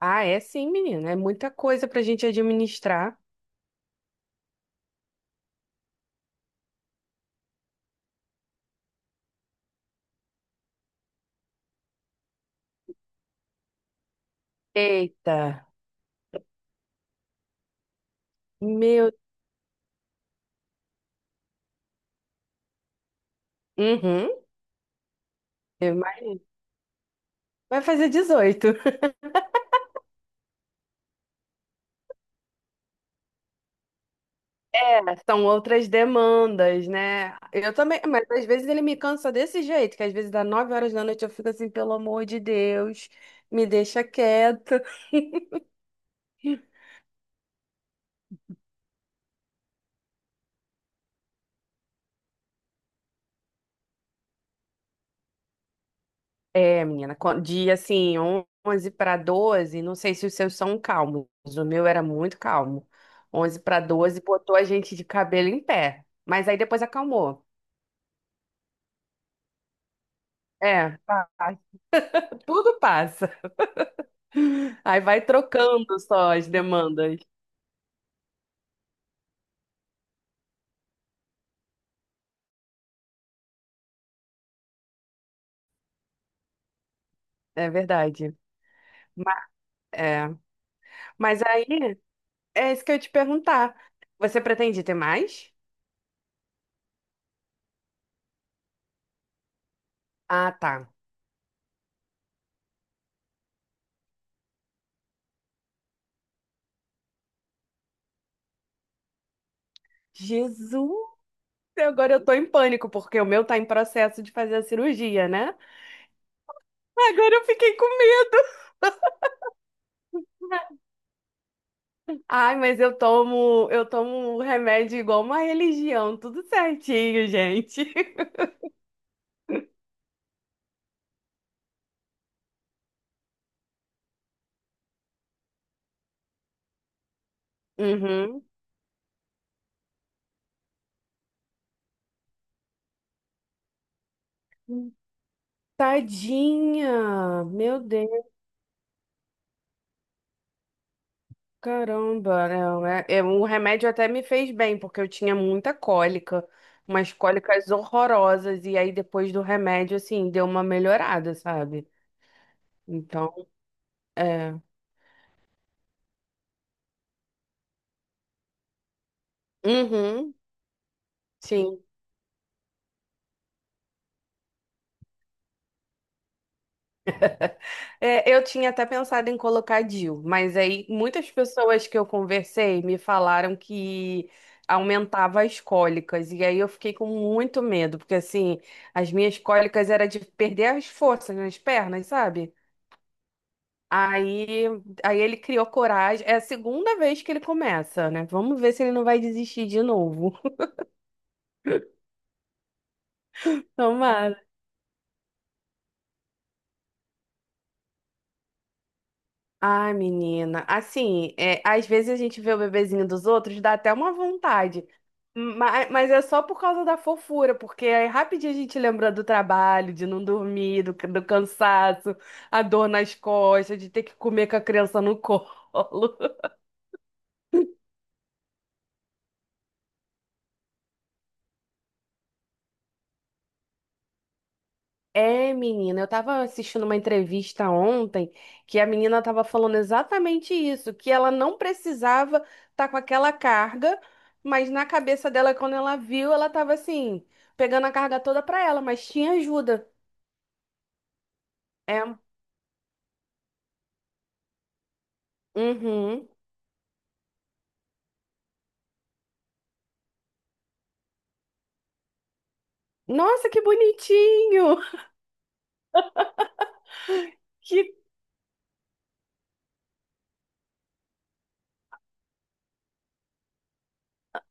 Ah, é sim, menina. É muita coisa pra gente administrar. Eita, meu. Uhum, eu imagino. Vai fazer 18. É, são outras demandas, né? Eu também, mas às vezes ele me cansa desse jeito, que às vezes dá 9 horas da noite eu fico assim, pelo amor de Deus, me deixa quieto. É, menina, 11 para 12. Não sei se os seus são calmos, o meu era muito calmo. 11 para 12 botou a gente de cabelo em pé, mas aí depois acalmou. É, passa. Tudo passa. Aí vai trocando só as demandas. É verdade. Mas, é. Mas aí, é isso que eu ia te perguntar. Você pretende ter mais? Ah, tá. Jesus! Agora eu tô em pânico, porque o meu tá em processo de fazer a cirurgia, né? Agora eu fiquei com medo. Ai, mas eu tomo um remédio igual uma religião, tudo certinho, gente. Uhum. Tadinha, meu. Caramba, não, é, o remédio até me fez bem, porque eu tinha muita cólica, umas cólicas horrorosas, e aí depois do remédio, assim, deu uma melhorada, sabe? Então, é. Uhum, sim. É, eu tinha até pensado em colocar DIU, mas aí muitas pessoas que eu conversei me falaram que aumentava as cólicas, e aí eu fiquei com muito medo, porque assim, as minhas cólicas era de perder as forças nas pernas, sabe? Aí, aí ele criou coragem. É a segunda vez que ele começa, né? Vamos ver se ele não vai desistir de novo. Tomara. Ai, menina. Assim, é, às vezes a gente vê o bebezinho dos outros, dá até uma vontade. Mas é só por causa da fofura, porque aí rapidinho a gente lembra do trabalho, de não dormir, do cansaço, a dor nas costas, de ter que comer com a criança no colo. É, menina, eu tava assistindo uma entrevista ontem que a menina tava falando exatamente isso, que ela não precisava estar com aquela carga, mas na cabeça dela, quando ela viu, ela tava assim, pegando a carga toda pra ela, mas tinha ajuda. É. Uhum. Nossa, que bonitinho! Que...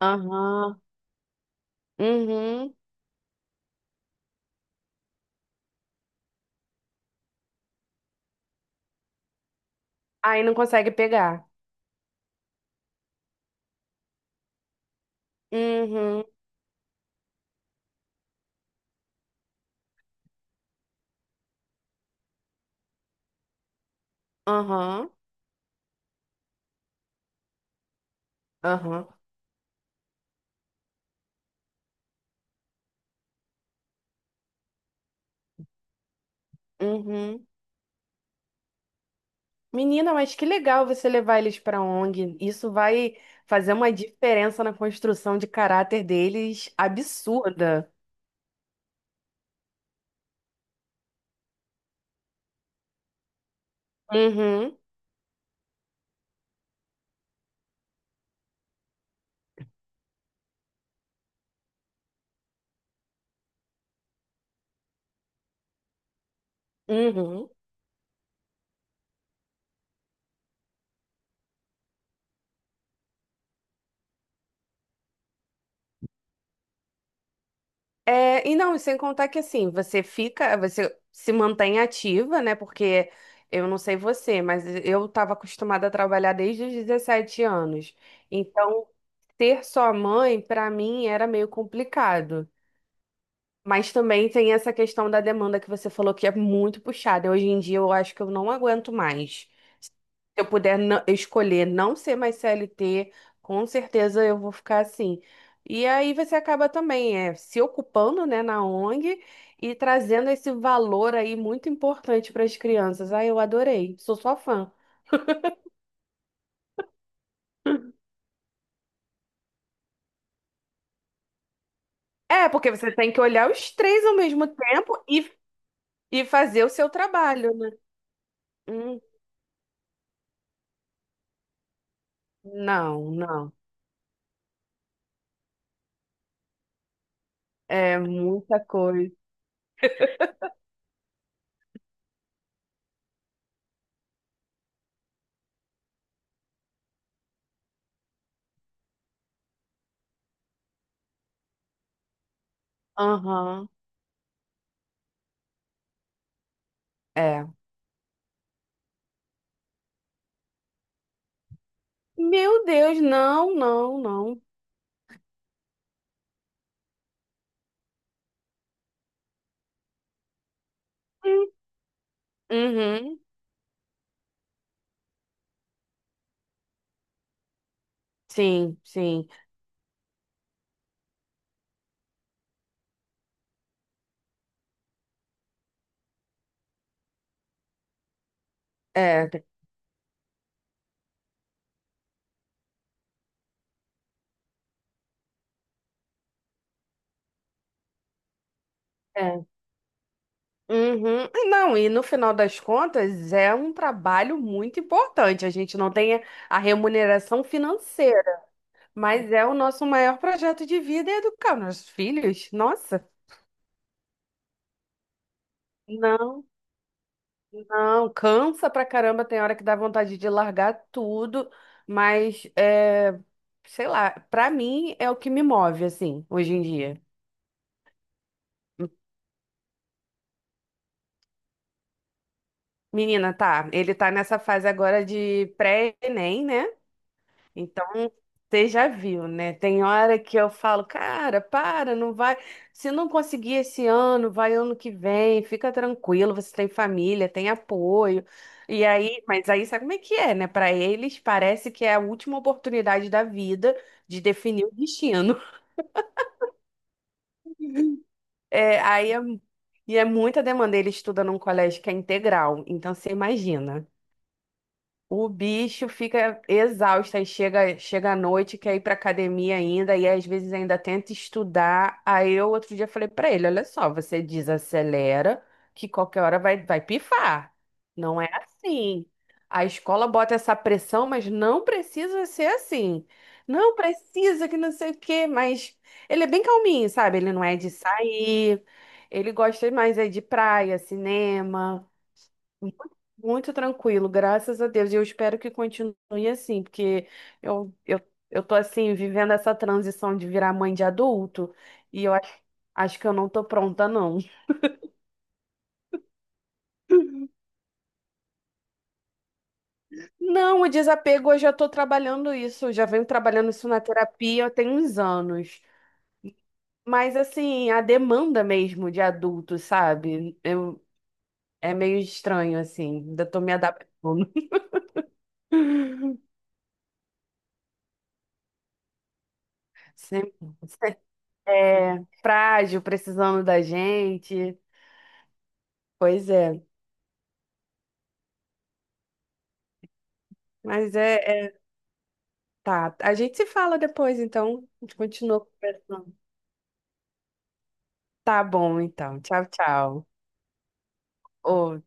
Aham. Uhum. Aí não consegue pegar. Uhum. Aham. Aham. Uhum. Menina, mas que legal você levar eles para ONG. Isso vai fazer uma diferença na construção de caráter deles absurda. Uhum, uhum. É, e não, sem contar que assim, você fica, você se mantém ativa, né? Porque eu não sei você, mas eu estava acostumada a trabalhar desde os 17 anos. Então, ter só mãe, para mim, era meio complicado. Mas também tem essa questão da demanda que você falou que é muito puxada. Hoje em dia eu acho que eu não aguento mais. Se eu puder escolher não ser mais CLT, com certeza eu vou ficar assim. E aí você acaba também é, se ocupando, né, na ONG e trazendo esse valor aí muito importante para as crianças. Ah, eu adorei, sou sua fã. É, porque você tem que olhar os três ao mesmo tempo e fazer o seu trabalho, né? Hum, não, não. É muita coisa. Aham. É. Meu Deus, não, não, não. Hum. Uhum. Sim, sim. É, é. Uhum. Não, e no final das contas é um trabalho muito importante. A gente não tem a remuneração financeira, mas é o nosso maior projeto de vida é educar nossos filhos. Nossa. Não, não, cansa pra caramba, tem hora que dá vontade de largar tudo, mas é, sei lá, pra mim é o que me move assim, hoje em dia. Menina, tá. Ele tá nessa fase agora de pré-ENEM, né? Então, você já viu, né? Tem hora que eu falo, cara, para, não vai. Se não conseguir esse ano, vai ano que vem, fica tranquilo, você tem família, tem apoio. E aí, mas aí sabe como é que é, né? Pra eles, parece que é a última oportunidade da vida de definir o destino. É, aí e é muita demanda. Ele estuda num colégio que é integral, então você imagina. O bicho fica exausto, aí chega à noite, quer ir pra academia ainda, e às vezes ainda tenta estudar. Aí eu outro dia falei pra ele, olha só, você desacelera que qualquer hora vai pifar. Não é assim. A escola bota essa pressão, mas não precisa ser assim. Não precisa que não sei o quê, mas ele é bem calminho, sabe? Ele não é de sair, ele gosta mais é de praia, cinema. Muito muito tranquilo, graças a Deus. E eu espero que continue assim, porque eu, eu, eu tô assim, vivendo essa transição de virar mãe de adulto, e eu acho que eu não tô pronta, não. Não, o desapego eu já tô trabalhando isso, eu já venho trabalhando isso na terapia tem uns anos. Mas assim, a demanda mesmo de adulto, sabe? É meio estranho, assim, ainda tô me adaptando. Sempre, é frágil, precisando da gente. Pois é. Mas é, é- Tá, a gente se fala depois, então. A gente continua conversando. Tá bom, então. Tchau, tchau. Ô,